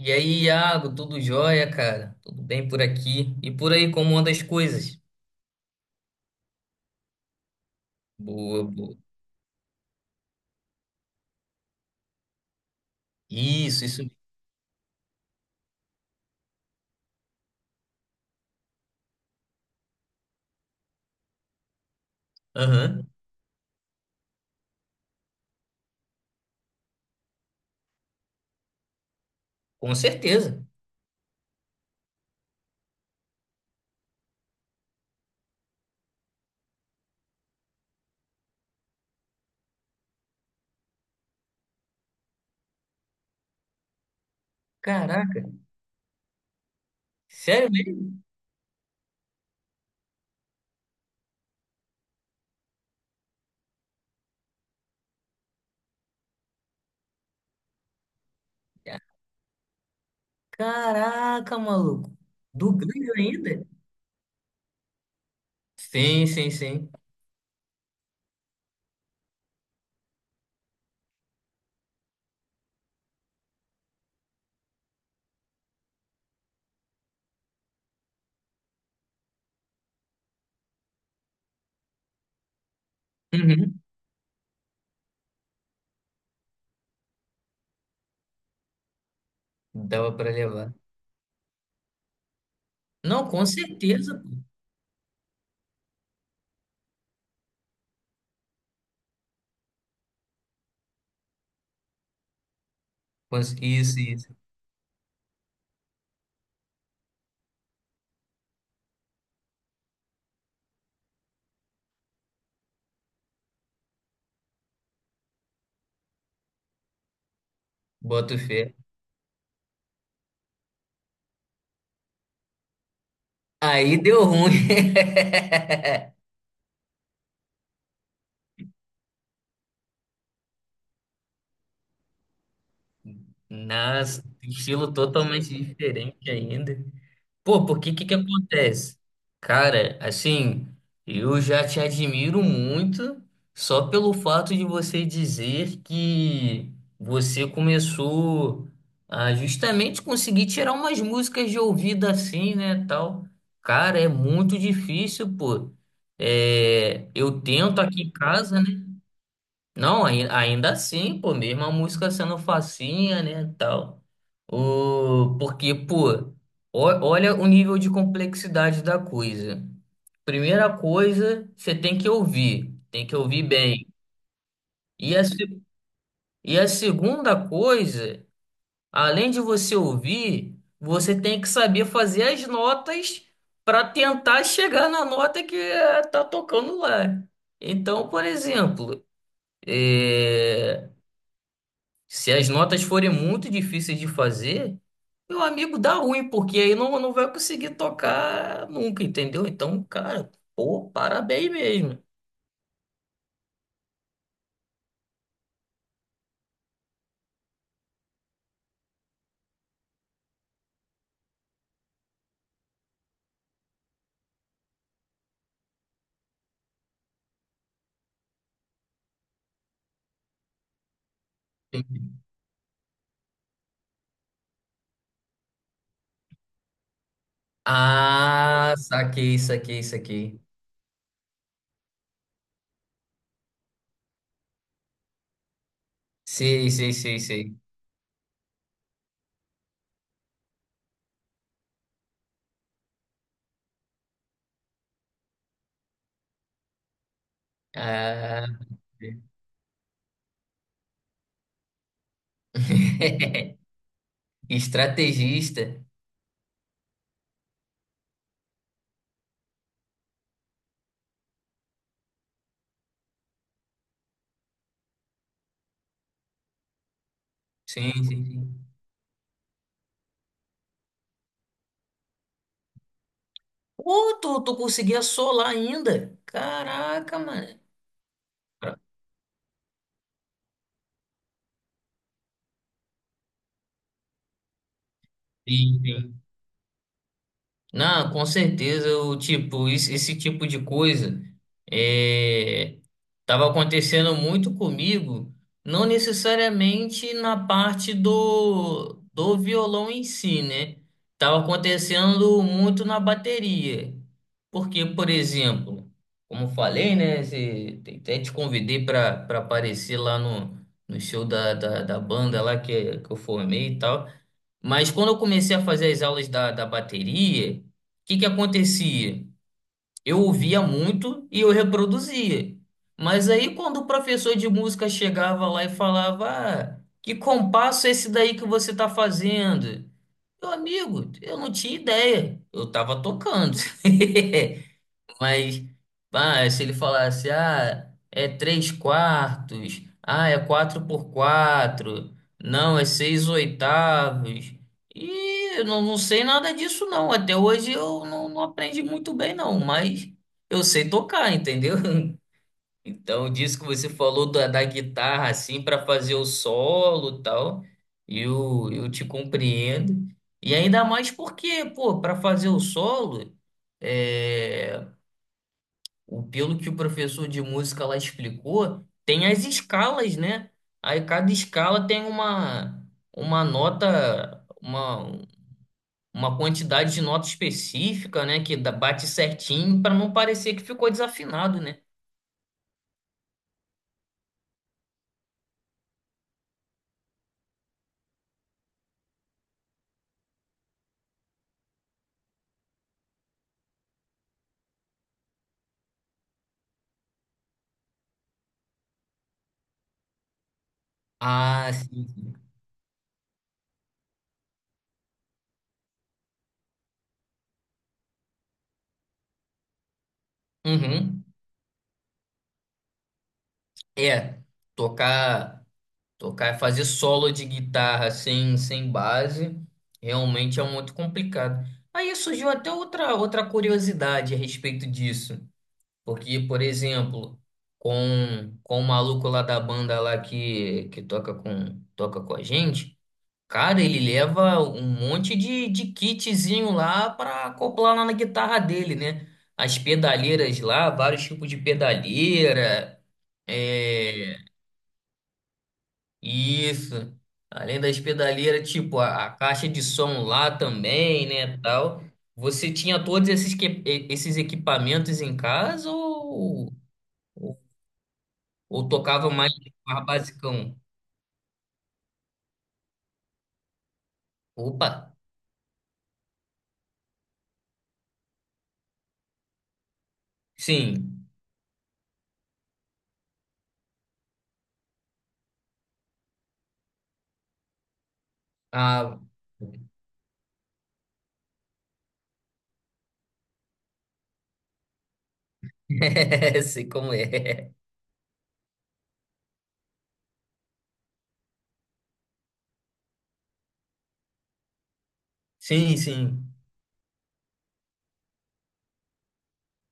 E aí, Iago, tudo jóia, cara? Tudo bem por aqui? E por aí, como anda as coisas? Boa, boa. Isso, isso. Aham, com certeza. Caraca, sério mesmo? Caraca, maluco. Do Grêmio ainda? Sim, sim, sim. Uhum. Dava pra levar. Não, com certeza. Pô. Isso, isso. Boto fé. Aí deu ruim. Nossa, estilo totalmente diferente ainda. Pô, porque que acontece? Cara, assim, eu já te admiro muito só pelo fato de você dizer que você começou a justamente conseguir tirar umas músicas de ouvido assim, né, tal. Cara, é muito difícil, pô. É, eu tento aqui em casa, né? Não, ainda assim, pô, mesmo a música sendo facinha, né, tal. O, porque, pô, olha o nível de complexidade da coisa. Primeira coisa, você tem que ouvir bem. E a, se- E a segunda coisa, além de você ouvir, você tem que saber fazer as notas para tentar chegar na nota que tá tocando lá. Então, por exemplo, é, se as notas forem muito difíceis de fazer, meu amigo, dá ruim, porque aí não vai conseguir tocar nunca, entendeu? Então, cara, pô, parabéns mesmo. Ah, saquei, saquei, saquei. Sei, sei, sei, sei. Ah, estrategista. Sim, sim, sim. Pô, tu conseguia solar ainda? Caraca, mano. Sim, sim. Não, com certeza, esse, esse tipo de coisa é, tava acontecendo muito comigo, não necessariamente na parte do violão em si, né? Tava acontecendo muito na bateria. Porque, por exemplo, como eu falei, né? Até te convidei para aparecer lá no show da banda lá que eu formei e tal. Mas quando eu comecei a fazer as aulas da bateria, o que acontecia? Eu ouvia muito e eu reproduzia. Mas aí quando o professor de música chegava lá e falava, ah, que compasso é esse daí que você está fazendo? Meu amigo, eu não tinha ideia. Eu estava tocando. Mas, ah, se ele falasse, ah, é três quartos, ah, é quatro por quatro, não, é seis oitavos. E eu não sei nada disso, não. Até hoje eu não aprendi muito bem, não, mas eu sei tocar, entendeu? Então, disso que você falou da guitarra, assim, para fazer o solo e tal, eu te compreendo. E ainda mais porque, pô, para fazer o solo. eh, Pelo que o professor de música lá explicou, tem as escalas, né? Aí cada escala tem uma nota, uma quantidade de nota específica, né? Que bate certinho para não parecer que ficou desafinado, né? Ah, sim. Sim. Uhum. É, tocar, tocar, fazer solo de guitarra sem base realmente é muito complicado. Aí surgiu até outra, outra curiosidade a respeito disso. Porque, por exemplo, com o maluco lá da banda lá que toca com a gente, cara, ele leva um monte de kitzinho lá pra acoplar lá na guitarra dele, né? As pedaleiras lá, vários tipos de pedaleira, é, isso. Além das pedaleiras, tipo, a caixa de som lá também, né, tal. Você tinha todos esses, esses equipamentos em casa ou... Ou tocava mais, mais basicão? Opa, sim. Ah, sei como é. Sim, sim.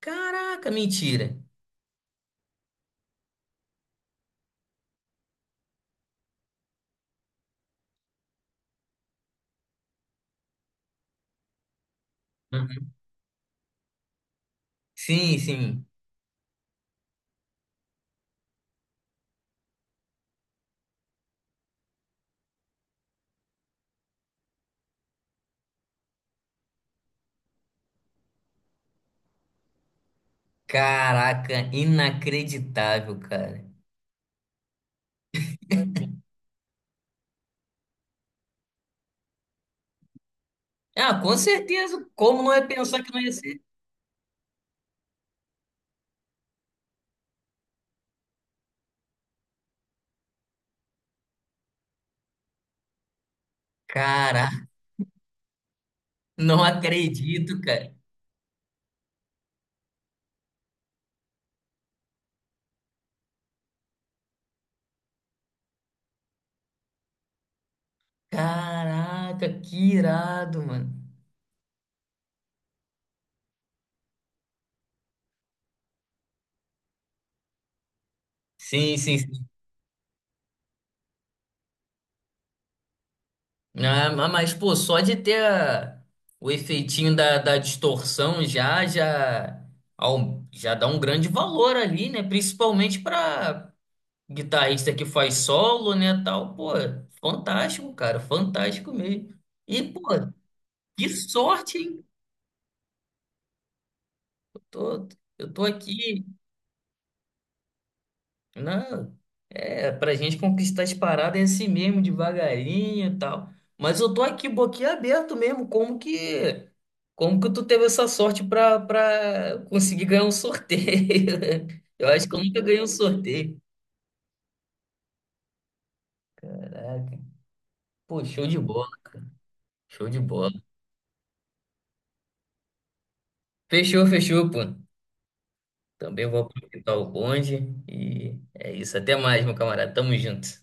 Caraca, mentira. Uhum. Sim, sim. Caraca, inacreditável, cara. Ah, com certeza. Como não ia pensar que não ia ser? Caraca, não acredito, cara. Caraca, que irado, mano. Sim, sim. Né? Ah, mas, pô, só de ter o efeitinho da distorção já, já, já dá um grande valor ali, né? Principalmente para guitarrista que faz solo, né, tal. Pô, fantástico, cara, fantástico mesmo. E, pô, que sorte, hein? Tô, eu tô aqui. Não, é, pra gente conquistar as paradas é assim mesmo, devagarinho e tal. Mas eu tô aqui boquiaberto mesmo, como que tu teve essa sorte pra conseguir ganhar um sorteio? Eu acho que eu nunca ganhei um sorteio. Caraca. Pô, show de bola, show de bola. Fechou, fechou, pô. Também vou aproveitar o bonde e é isso. Até mais, meu camarada. Tamo junto.